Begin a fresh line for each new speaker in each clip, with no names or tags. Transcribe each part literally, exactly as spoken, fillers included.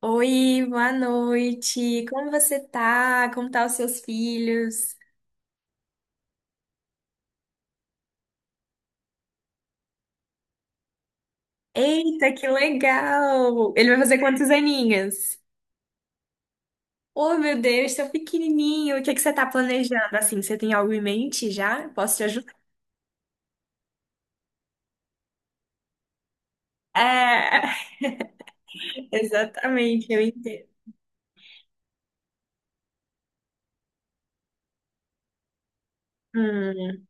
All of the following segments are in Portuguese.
Oi, boa noite. Como você tá? Como tá os seus filhos? Eita, que legal! Ele vai fazer quantos aninhos? Oh, meu Deus, tão pequenininho. O que é que você tá planejando? Assim, você tem algo em mente já? Posso te ajudar? É, exatamente, eu entendo. Hum,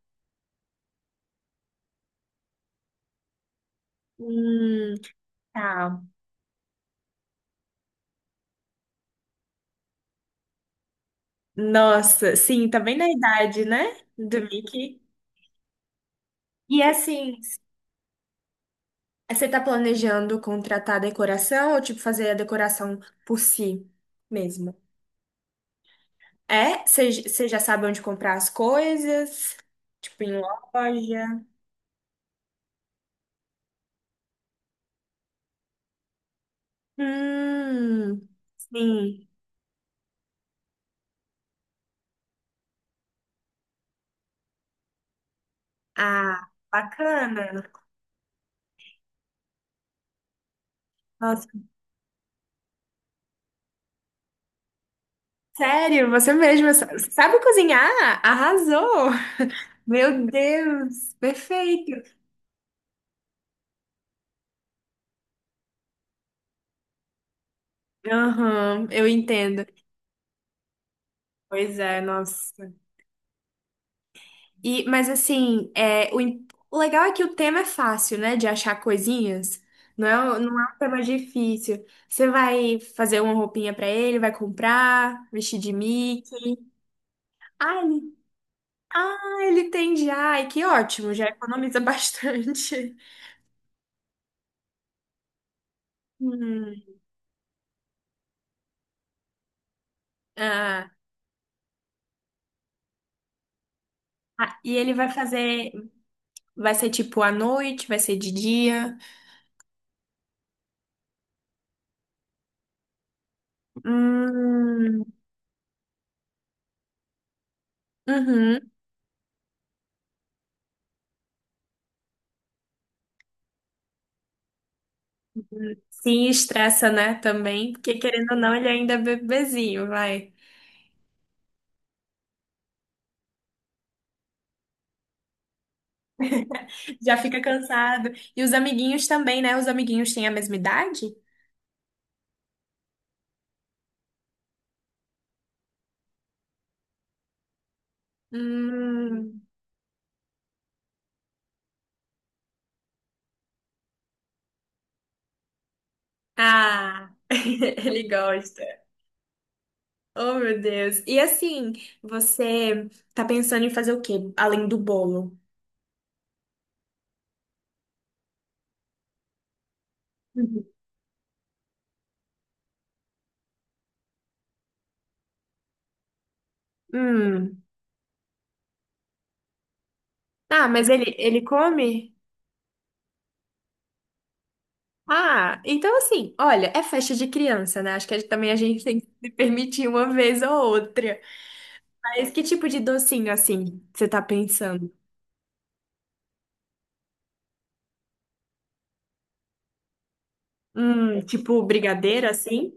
hum, tá. Nossa, sim, tá bem na idade, né? Do Mickey. E assim, é, você tá planejando contratar decoração ou tipo fazer a decoração por si mesmo? É? Você j- você já sabe onde comprar as coisas? Tipo em loja? Hum, sim. Ah, bacana. Nossa, sério, você mesma sa- sabe cozinhar? Arrasou! Meu Deus, perfeito. Aham, eu entendo. Pois é, nossa. E, mas assim, é, o, im- o legal é que o tema é fácil, né? De achar coisinhas. Não é, um- não é um tema difícil. Você vai fazer uma roupinha pra ele, vai comprar, vestir de Mickey. Ah, ele, ah, ele tem já. Ai, que ótimo, já economiza bastante. Hum, ah, ah, e ele vai fazer. Vai ser tipo à noite, vai ser de dia. Hum, uhum. Sim, estressa, né? Também, porque querendo ou não, ele ainda é bebezinho, vai. Já fica cansado. E os amiguinhos também, né? Os amiguinhos têm a mesma idade? Hum. Ah, ele gosta. Oh, meu Deus. E assim, você tá pensando em fazer o quê, além do bolo? Uhum. Hum. Ah, mas ele, ele come? Ah, então assim, olha, é festa de criança, né? Acho que a também a gente tem que se permitir uma vez ou outra. Mas que tipo de docinho, assim, você tá pensando? Hum, tipo brigadeiro, assim?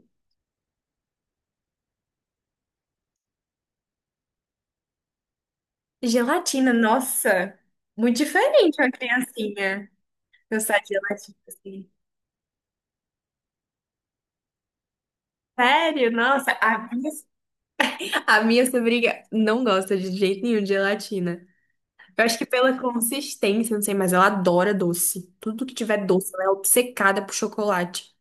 Gelatina, nossa, muito diferente uma criancinha gostar de gelatina assim. Sério, nossa, a minha, a minha sobrinha não gosta de jeito nenhum de gelatina. Eu acho que pela consistência, não sei, mas ela adora doce. Tudo que tiver doce, ela é obcecada por chocolate.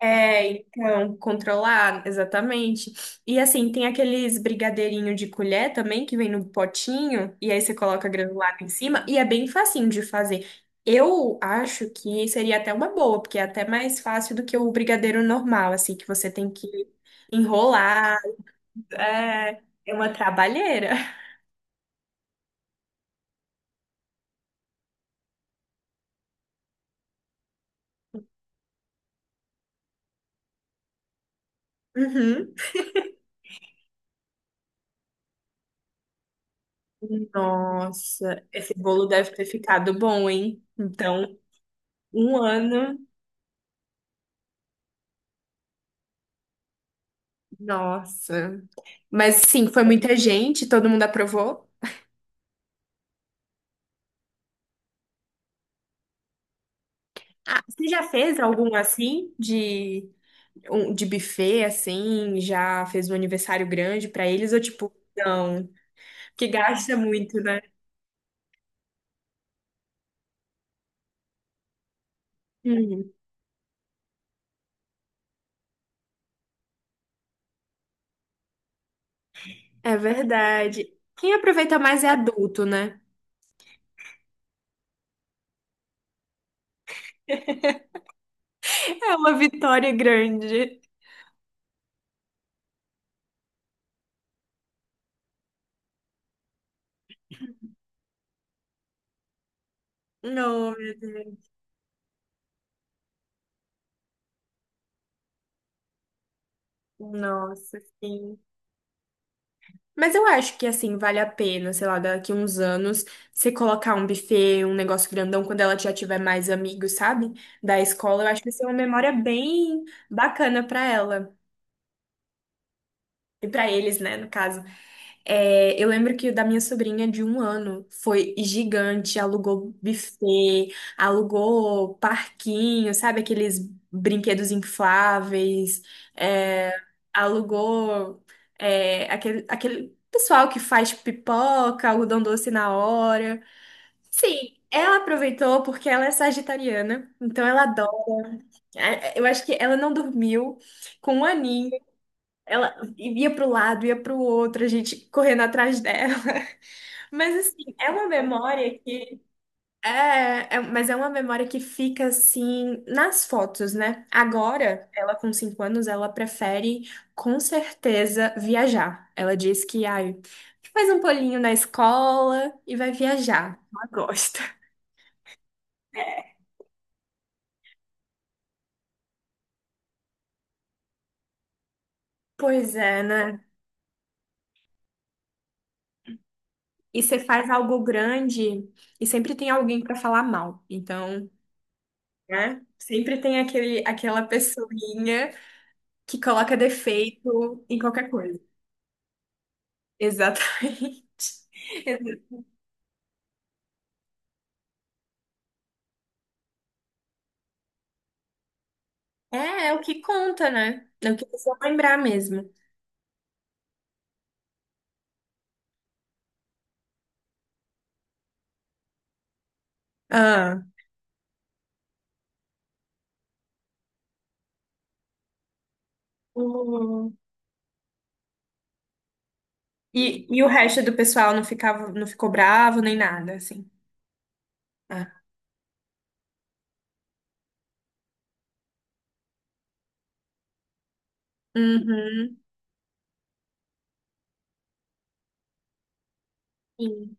É, então, controlar, exatamente. E assim, tem aqueles brigadeirinho de colher também, que vem no potinho, e aí você coloca granulado em cima, e é bem facinho de fazer. Eu acho que seria até uma boa, porque é até mais fácil do que o brigadeiro normal, assim, que você tem que enrolar. É, é uma trabalheira. Uhum. Nossa, esse bolo deve ter ficado bom, hein? Então, um ano, nossa. Mas sim, foi muita gente, todo mundo aprovou. Ah, você já fez algum assim de um, de buffet assim, já fez um aniversário grande pra eles ou tipo, não, que gasta muito, né? Hum, é verdade. Quem aproveita mais é adulto, né? É uma vitória grande. Não, meu Deus. Nossa, sim. Mas eu acho que, assim, vale a pena, sei lá, daqui uns anos, você colocar um buffet, um negócio grandão, quando ela já tiver mais amigos, sabe? Da escola, eu acho que vai ser uma memória bem bacana pra ela. E pra eles, né, no caso. É, eu lembro que o da minha sobrinha de um ano foi gigante, alugou buffet, alugou parquinho, sabe? Aqueles brinquedos infláveis, é, alugou é, aquele, aquele pessoal que faz pipoca, algodão doce na hora. Sim, ela aproveitou porque ela é sagitariana, então ela adora. É, é, eu acho que ela não dormiu com um aninho, ela ia pro lado, ia pro outro, a gente correndo atrás dela. Mas assim, é uma memória que é, é- mas é uma memória que fica assim nas fotos, né? Agora, ela com cinco anos, ela prefere com certeza viajar. Ela diz que ai, faz um polinho na escola e vai viajar. Ela gosta. Pois é, né? E você faz algo grande e sempre tem alguém pra falar mal. Então, né? Sempre tem aquele, aquela pessoinha que coloca defeito em qualquer coisa. Exatamente. É, é o que conta, né? É o que precisa lembrar mesmo. Ah. O- E, e o resto do pessoal não ficava, não ficou bravo nem nada, assim. Ah. Uhum. Sim.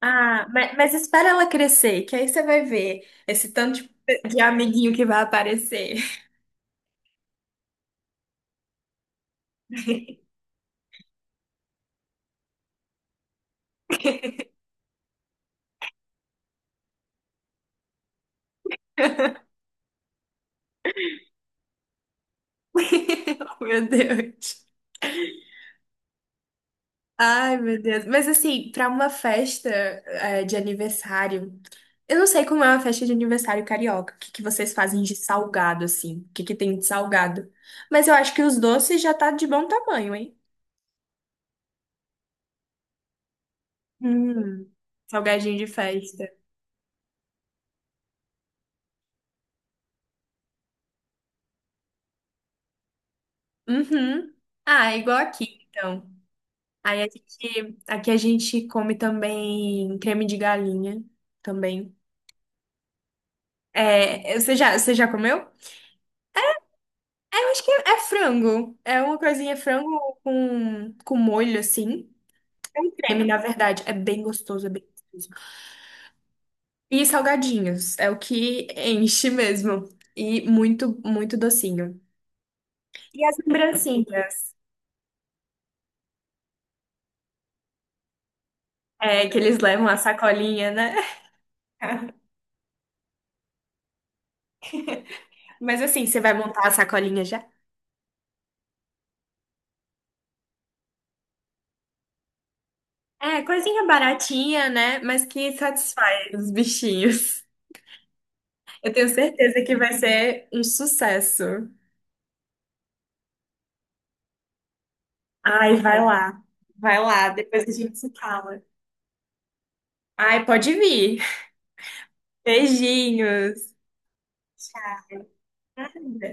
Ah, mas, mas espera ela crescer, que aí você vai ver esse tanto de, de amiguinho que vai aparecer. Meu Deus. Ai, meu Deus. Mas assim, pra uma festa é, de aniversário, eu não sei como é uma festa de aniversário carioca. O que que vocês fazem de salgado, assim? O que que tem de salgado? Mas eu acho que os doces já tá de bom tamanho, hein? Hum, salgadinho de festa. Uhum. Ah, é igual aqui, então. Aí a gente, aqui a gente come também creme de galinha, também. É, você já, você já comeu? É, eu acho que é, é frango. É uma coisinha frango com, com molho, assim. É um creme, na verdade. É bem gostoso, é bem gostoso. E salgadinhos, é o que enche mesmo. E muito, muito docinho. E as lembrancinhas, é, que eles levam a sacolinha, né? Mas assim, você vai montar a sacolinha já? É, coisinha baratinha, né? Mas que satisfaz os bichinhos. Eu tenho certeza que vai ser um sucesso. Ai, vai lá. Vai lá, depois a gente se fala. Ai, pode vir. Beijinhos. Nada.